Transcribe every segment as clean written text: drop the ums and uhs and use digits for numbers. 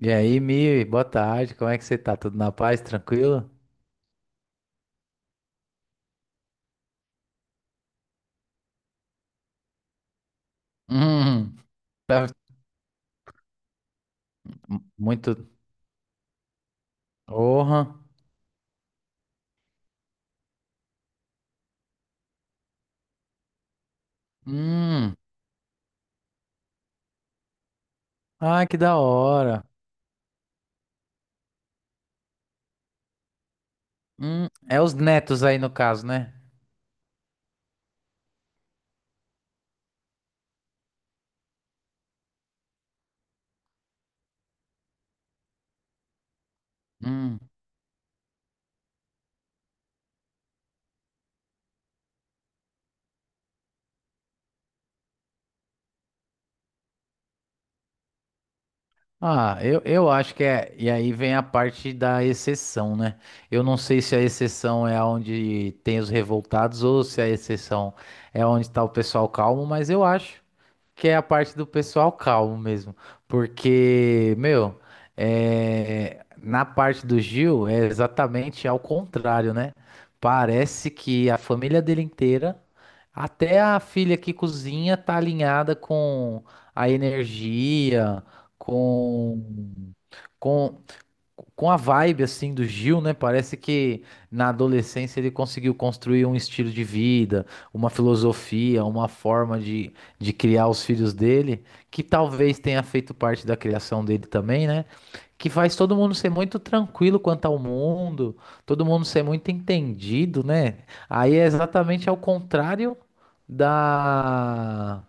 E aí, Mi, boa tarde, como é que você tá? Tudo na paz, tranquilo? Hum, tá. Muito. Orra. Hum. Ah, que da hora. Hum. É os netos aí no caso, né? Hum. Ah, eu acho que é. E aí vem a parte da exceção, né? Eu não sei se a exceção é onde tem os revoltados ou se a exceção é onde tá o pessoal calmo, mas eu acho que é a parte do pessoal calmo mesmo. Porque, meu, é, na parte do Gil é exatamente ao contrário, né? Parece que a família dele inteira, até a filha que cozinha, tá alinhada com a energia, com, com com a vibe assim do Gil, né? Parece que na adolescência ele conseguiu construir um estilo de vida, uma filosofia, uma forma de criar os filhos dele, que talvez tenha feito parte da criação dele também, né? Que faz todo mundo ser muito tranquilo quanto ao mundo, todo mundo ser muito entendido, né? Aí é exatamente ao contrário da...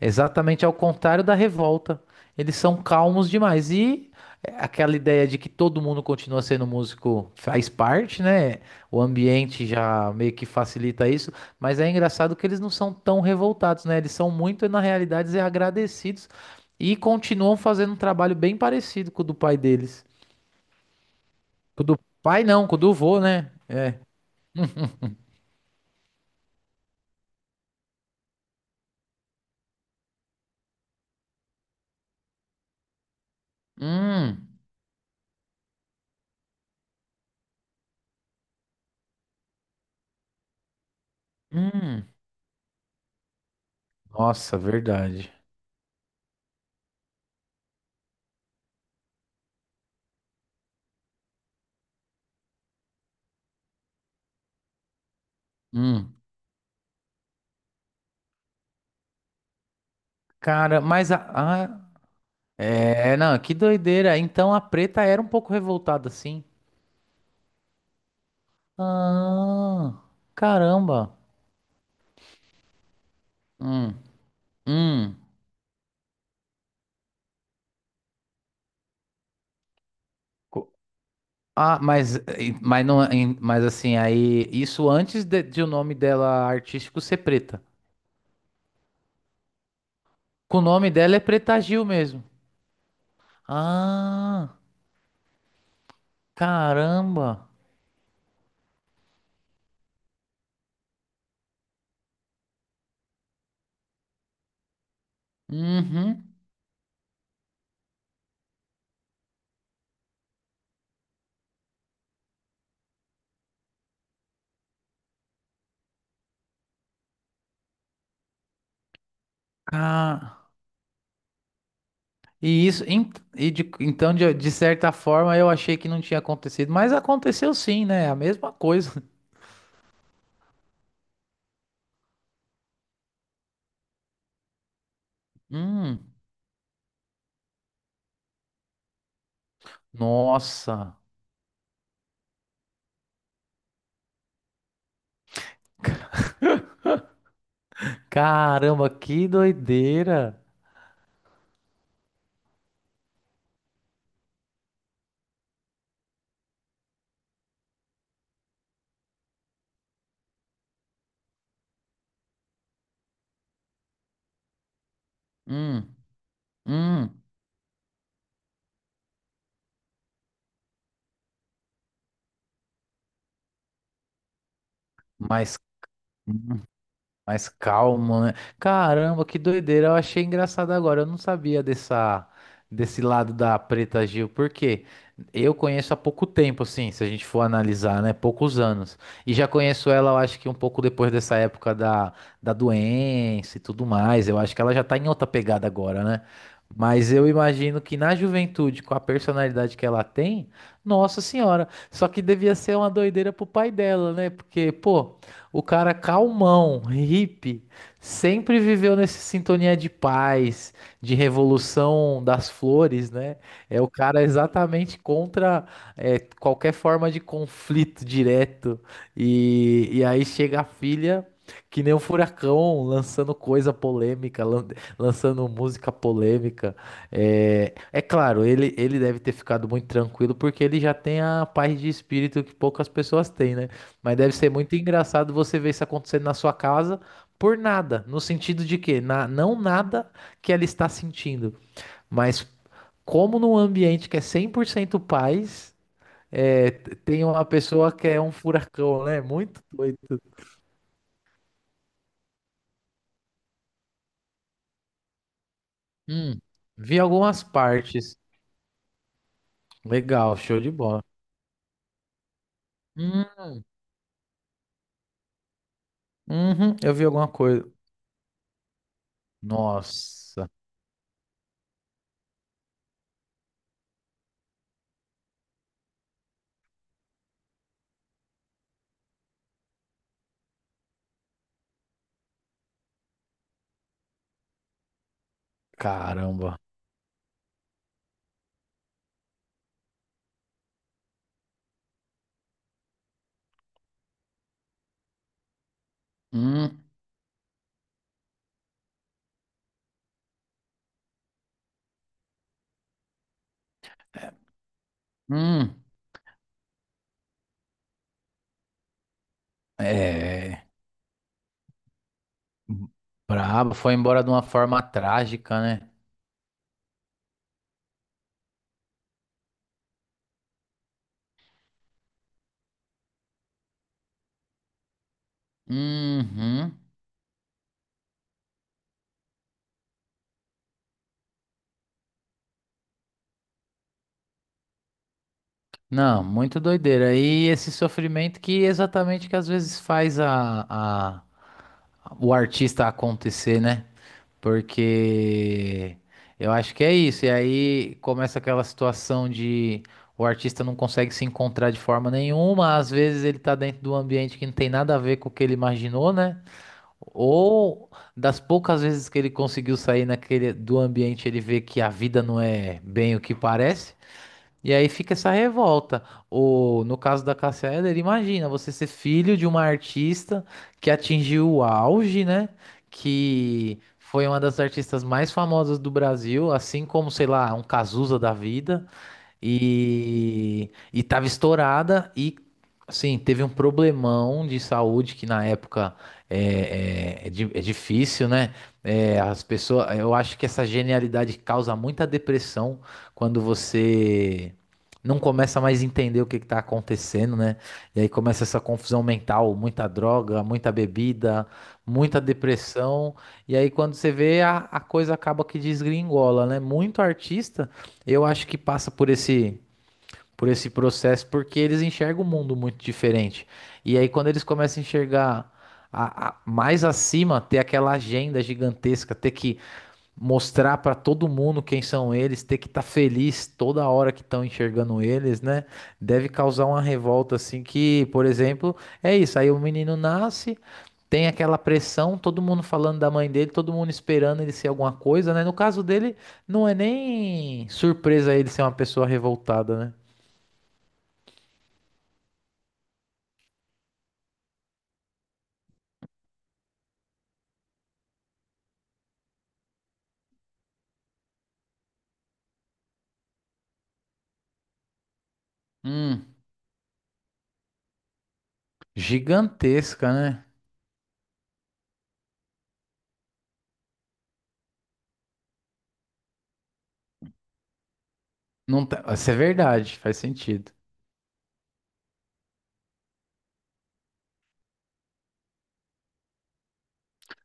Exatamente ao contrário da revolta. Eles são calmos demais. E aquela ideia de que todo mundo continua sendo músico faz parte, né? O ambiente já meio que facilita isso. Mas é engraçado que eles não são tão revoltados, né? Eles são muito, na realidade, agradecidos e continuam fazendo um trabalho bem parecido com o do pai deles. Com o do pai não, com o do vô, né? Hum, hum. Nossa, verdade. Hum. Cara, mas é, não, que doideira. Então a preta era um pouco revoltada assim. Ah, caramba. Hum, hum. Co- Ah, mas, mas, não, mas assim, aí, isso antes de o nome dela artístico ser preta. Com o nome dela é Preta Gil mesmo. Ah, caramba. Uhum. Ah, e isso, e então, de certa forma, eu achei que não tinha acontecido, mas aconteceu sim, né? A mesma coisa. Hum. Nossa, caramba, que doideira. Hum, hum, mas, mais calmo, né? Caramba, que doideira. Eu achei engraçado agora. Eu não sabia dessa, desse lado da Preta Gil, porque eu conheço há pouco tempo, assim, se a gente for analisar, né? Poucos anos. E já conheço ela, eu acho que um pouco depois dessa época da, da doença e tudo mais. Eu acho que ela já tá em outra pegada agora, né? Mas eu imagino que na juventude, com a personalidade que ela tem, nossa senhora, só que devia ser uma doideira pro pai dela, né? Porque, pô. O cara calmão, hippie, sempre viveu nessa sintonia de paz, de revolução das flores, né? É o cara exatamente contra é, qualquer forma de conflito direto. E aí chega a filha, que nem um furacão, lançando coisa polêmica, lançando música polêmica. É, é claro, ele deve ter ficado muito tranquilo, porque ele já tem a paz de espírito que poucas pessoas têm, né? Mas deve ser muito engraçado você ver isso acontecendo na sua casa por nada, no sentido de que na, não nada que ela está sentindo, mas como num ambiente que é 100% paz, é, tem uma pessoa que é um furacão, né? Muito doido. Hum, vi algumas partes. Legal, show de bola. Hum, uhum, eu vi alguma coisa. Nossa, caramba. Hum, hum. É. Brabo, foi embora de uma forma trágica, né? Uhum. Não, muito doideira. E esse sofrimento que exatamente que às vezes faz a- o artista acontecer, né? Porque eu acho que é isso. E aí começa aquela situação de o artista não consegue se encontrar de forma nenhuma. Às vezes ele tá dentro de um ambiente que não tem nada a ver com o que ele imaginou, né? Ou das poucas vezes que ele conseguiu sair naquele do ambiente, ele vê que a vida não é bem o que parece. E aí fica essa revolta. Ou, no caso da Cássia Eller, imagina você ser filho de uma artista que atingiu o auge, né? Que foi uma das artistas mais famosas do Brasil, assim como, sei lá, um Cazuza da vida. E tava estourada e, assim, teve um problemão de saúde que na época é difícil, né? É, as pessoas, eu acho que essa genialidade causa muita depressão quando você não começa mais a entender o que que tá acontecendo, né? E aí começa essa confusão mental, muita droga, muita bebida, muita depressão. E aí quando você vê, a coisa acaba que desgringola, né? Muito artista eu acho que passa por por esse processo porque eles enxergam o mundo muito diferente. E aí, quando eles começam a enxergar mais acima, ter aquela agenda gigantesca, ter que mostrar pra todo mundo quem são eles, ter que estar feliz toda hora que estão enxergando eles, né? Deve causar uma revolta assim que, por exemplo, é isso, aí o menino nasce, tem aquela pressão, todo mundo falando da mãe dele, todo mundo esperando ele ser alguma coisa, né? No caso dele, não é nem surpresa ele ser uma pessoa revoltada, né? Hum. Gigantesca, né? Não tá- Isso é verdade, faz sentido.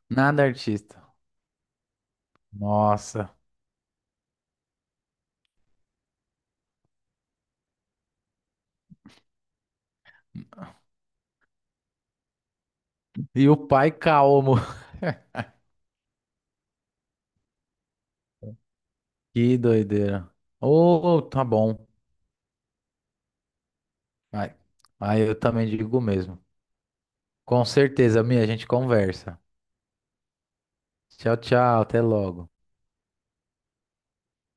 Nada artista. Nossa. E o pai calmo. Que doideira. Ô, tá bom. Aí, aí eu também digo o mesmo. Com certeza, minha, a gente conversa. Tchau, tchau, até logo.